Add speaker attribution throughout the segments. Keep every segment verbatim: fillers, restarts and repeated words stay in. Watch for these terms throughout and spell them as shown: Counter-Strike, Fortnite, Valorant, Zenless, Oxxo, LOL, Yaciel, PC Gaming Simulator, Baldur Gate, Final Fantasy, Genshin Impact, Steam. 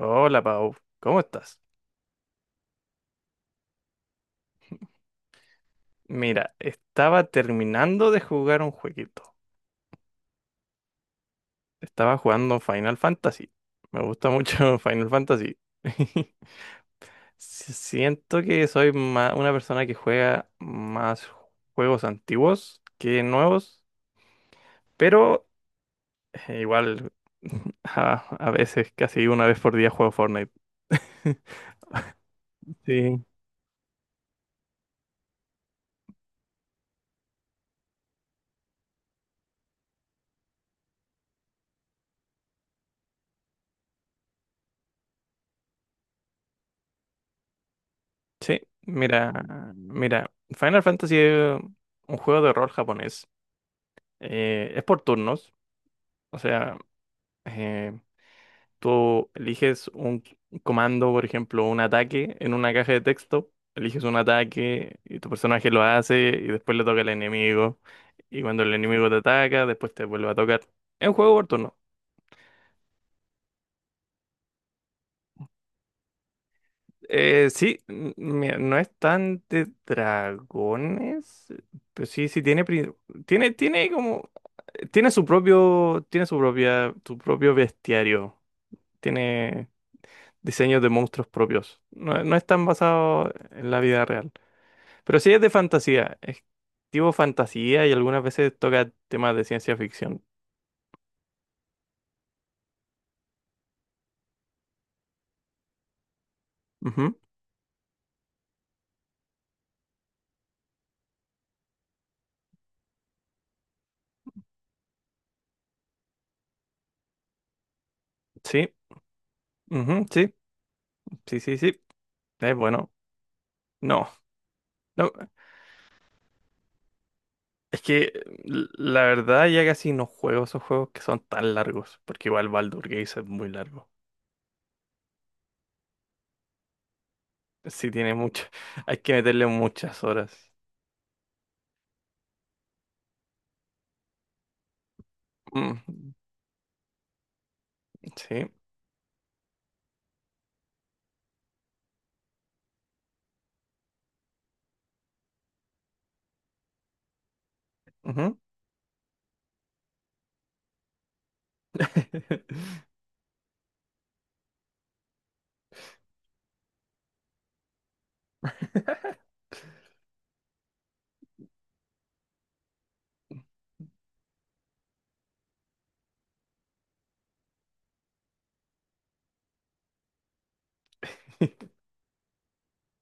Speaker 1: Hola Pau, ¿cómo estás? Mira, estaba terminando de jugar un jueguito. Estaba jugando Final Fantasy. Me gusta mucho Final Fantasy. Si- Siento que soy ma- una persona que juega más juegos antiguos que nuevos, pero eh, igual a, a veces casi una vez por día juego Fortnite. Sí. Sí, mira, mira, Final Fantasy es un juego de rol japonés. Eh, es por turnos, o sea, eh, tú eliges un comando, por ejemplo, un ataque en una caja de texto, eliges un ataque y tu personaje lo hace y después le toca al enemigo y cuando el enemigo te ataca, después te vuelve a tocar. Es un juego por turno. Eh, sí, m- mira, no es tan de dragones, pero sí, sí tiene, pri- tiene, tiene como, tiene su propio, tiene su propia, su propio bestiario. Tiene diseños de monstruos propios. No, no están basados en la vida real. Pero sí es de fantasía. Es tipo fantasía y algunas veces toca temas de ciencia ficción. Ujú, sí, ujú, sí, sí, sí, sí. Es bueno. No, no, es que l- la verdad ya casi no juego esos juegos que son tan largos. Porque igual Baldur Gate es muy largo. Sí, tiene mucho. Hay que meterle muchas horas. Mm, sí. Ujú.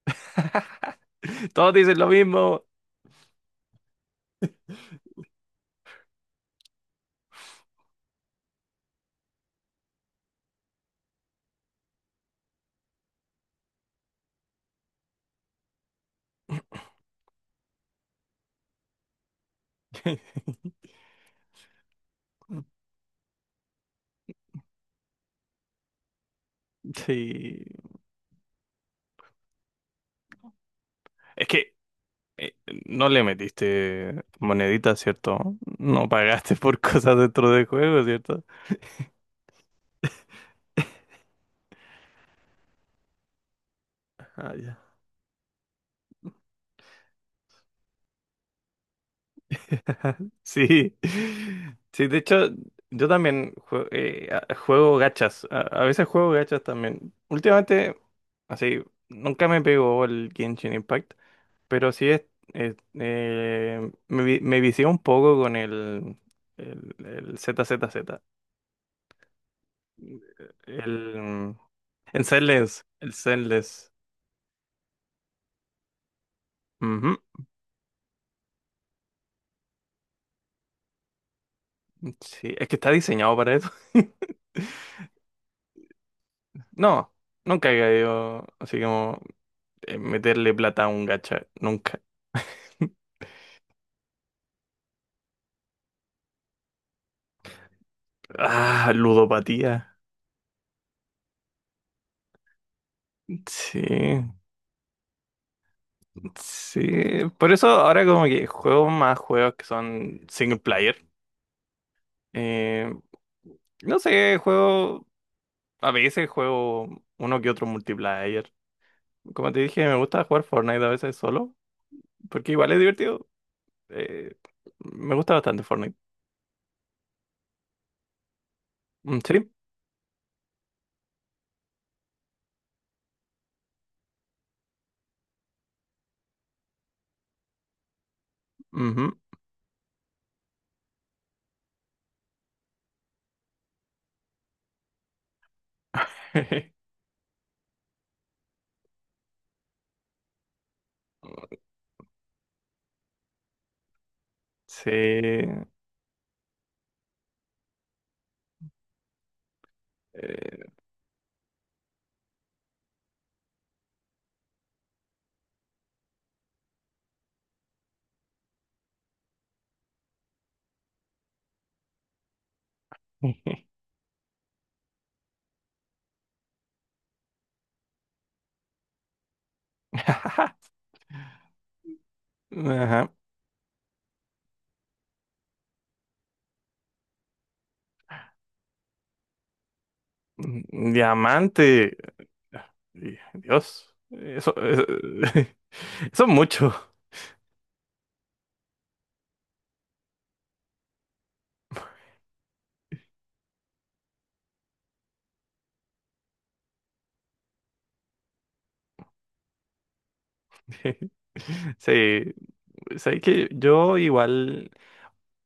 Speaker 1: Todos dicen lo mismo. Sí. Es que eh, no le metiste moneditas, ¿cierto? No pagaste por cosas dentro del juego, ¿cierto? Ah, ya. Sí. Sí, de hecho, yo también jue- eh, a- juego gachas. A, a veces juego gachas también. Últimamente, así, nunca me pegó el Genshin Impact, pero sí es, es- eh, me, vi- me vicié un poco con el, el, el Z. Z Z. El, en Zenless, el Zenless. Ujú, sí, es que está diseñado para eso. No, nunca he caído así como eh, meterle plata a un gacha, nunca. Ah, ludopatía. Sí, sí. Por eso ahora como que juego más juegos que son single player. Eh, no sé, juego, a veces juego uno que otro multiplayer. Como te dije, me gusta jugar Fortnite a veces solo. Porque igual es divertido. Eh, Me gusta bastante Fortnite. Mm, sí. Ujú. Sí. Eh. Ajá. Mm, diamante. Di- Dios. Eso, eso, eso es mucho. Sí. Sabes que yo igual,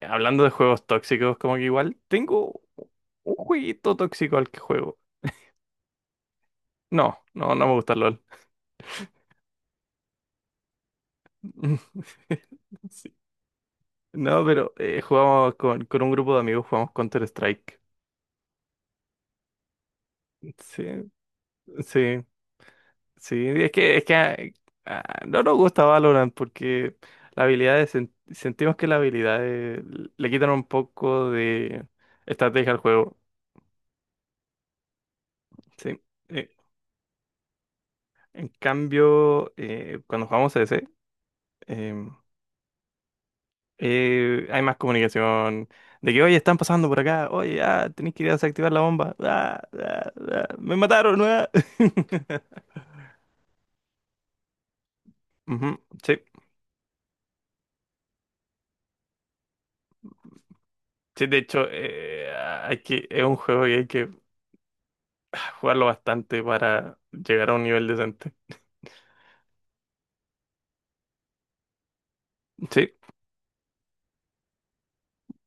Speaker 1: hablando de juegos tóxicos, como que igual tengo un jueguito tóxico al que juego. No, no, no me gusta el LOL. Sí. No, pero eh, jugamos con, con un grupo de amigos, jugamos Counter-Strike. Sí, sí, sí. Es que, es que ah, eh, ah, no nos gusta Valorant porque la habilidad de sen- sentimos que la habilidad de le quitan un poco de estrategia al juego. Sí. Eh, en cambio, eh, cuando jugamos C S, em, eh, hay más comunicación. De que, oye, están pasando por acá. Oye, ah, tenés que ir a desactivar la bomba. Ah, ah, ah, me mataron. Ah. Ujú, sí, sí, de hecho, eh, hay que, es un juego que hay que jugarlo bastante para llegar a un nivel decente. Sí,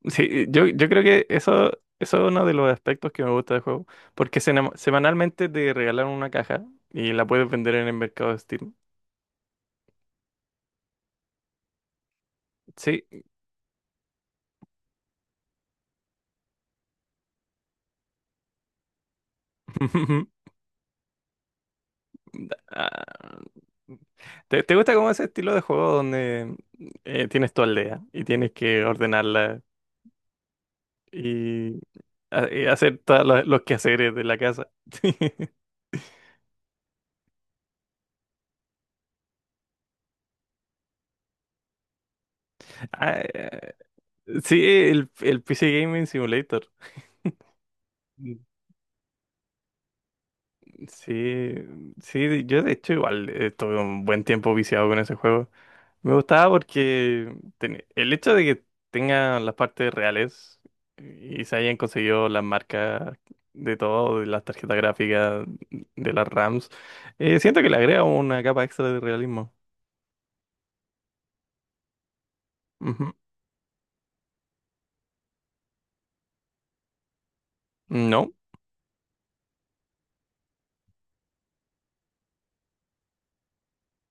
Speaker 1: sí, yo, yo creo que eso, eso es uno de los aspectos que me gusta del juego, porque sena- semanalmente te regalan una caja y la puedes vender en el mercado de Steam. Sí. Ah, ¿te, te gusta como ese estilo de juego donde eh, tienes tu aldea y tienes que ordenarla y ha- y hacer todos los quehaceres de la casa? Ah, eh, sí, el, el P C Gaming Simulator. Sí, sí, yo de hecho igual estuve un buen tiempo viciado con ese juego. Me gustaba porque ten- el hecho de que tenga las partes reales y se hayan conseguido las marcas de todo, de las tarjetas gráficas, de las RAMs, eh, siento que le agrega una capa extra de realismo. Ujú. No,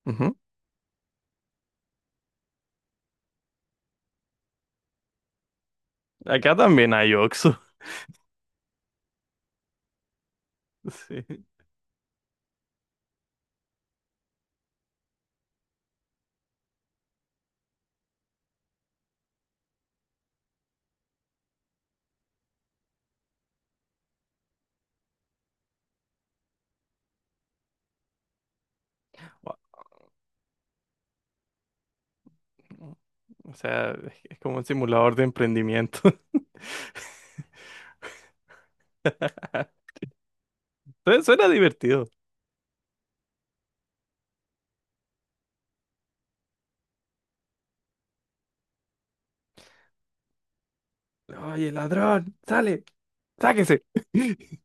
Speaker 1: ujú. Acá también hay Oxxo. Sí. O sea, es es como un simulador de emprendimiento. Entonces suena divertido. Oye, ladrón, sale, sáquese.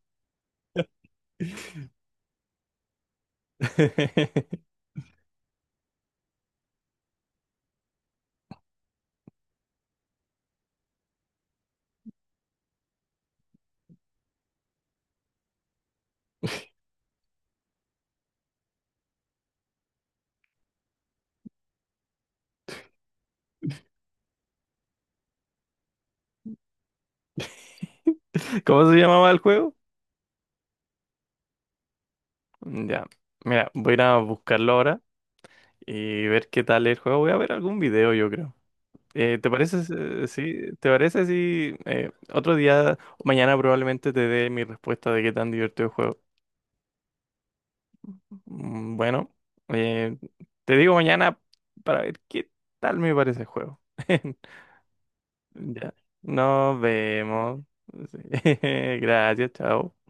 Speaker 1: ¿Cómo se llamaba el juego? Mm, ya, mira, voy a ir a buscarlo ahora y ver qué tal el juego. Voy a ver algún video, yo creo. Eh, ¿te parece, si- sí? ¿Te parece si eh, otro día, mañana probablemente te dé mi respuesta de qué tan divertido el juego? Mm, bueno, eh, te digo mañana para ver qué tal me parece el juego. Ya. Nos vemos. Sí. Gracias, chao.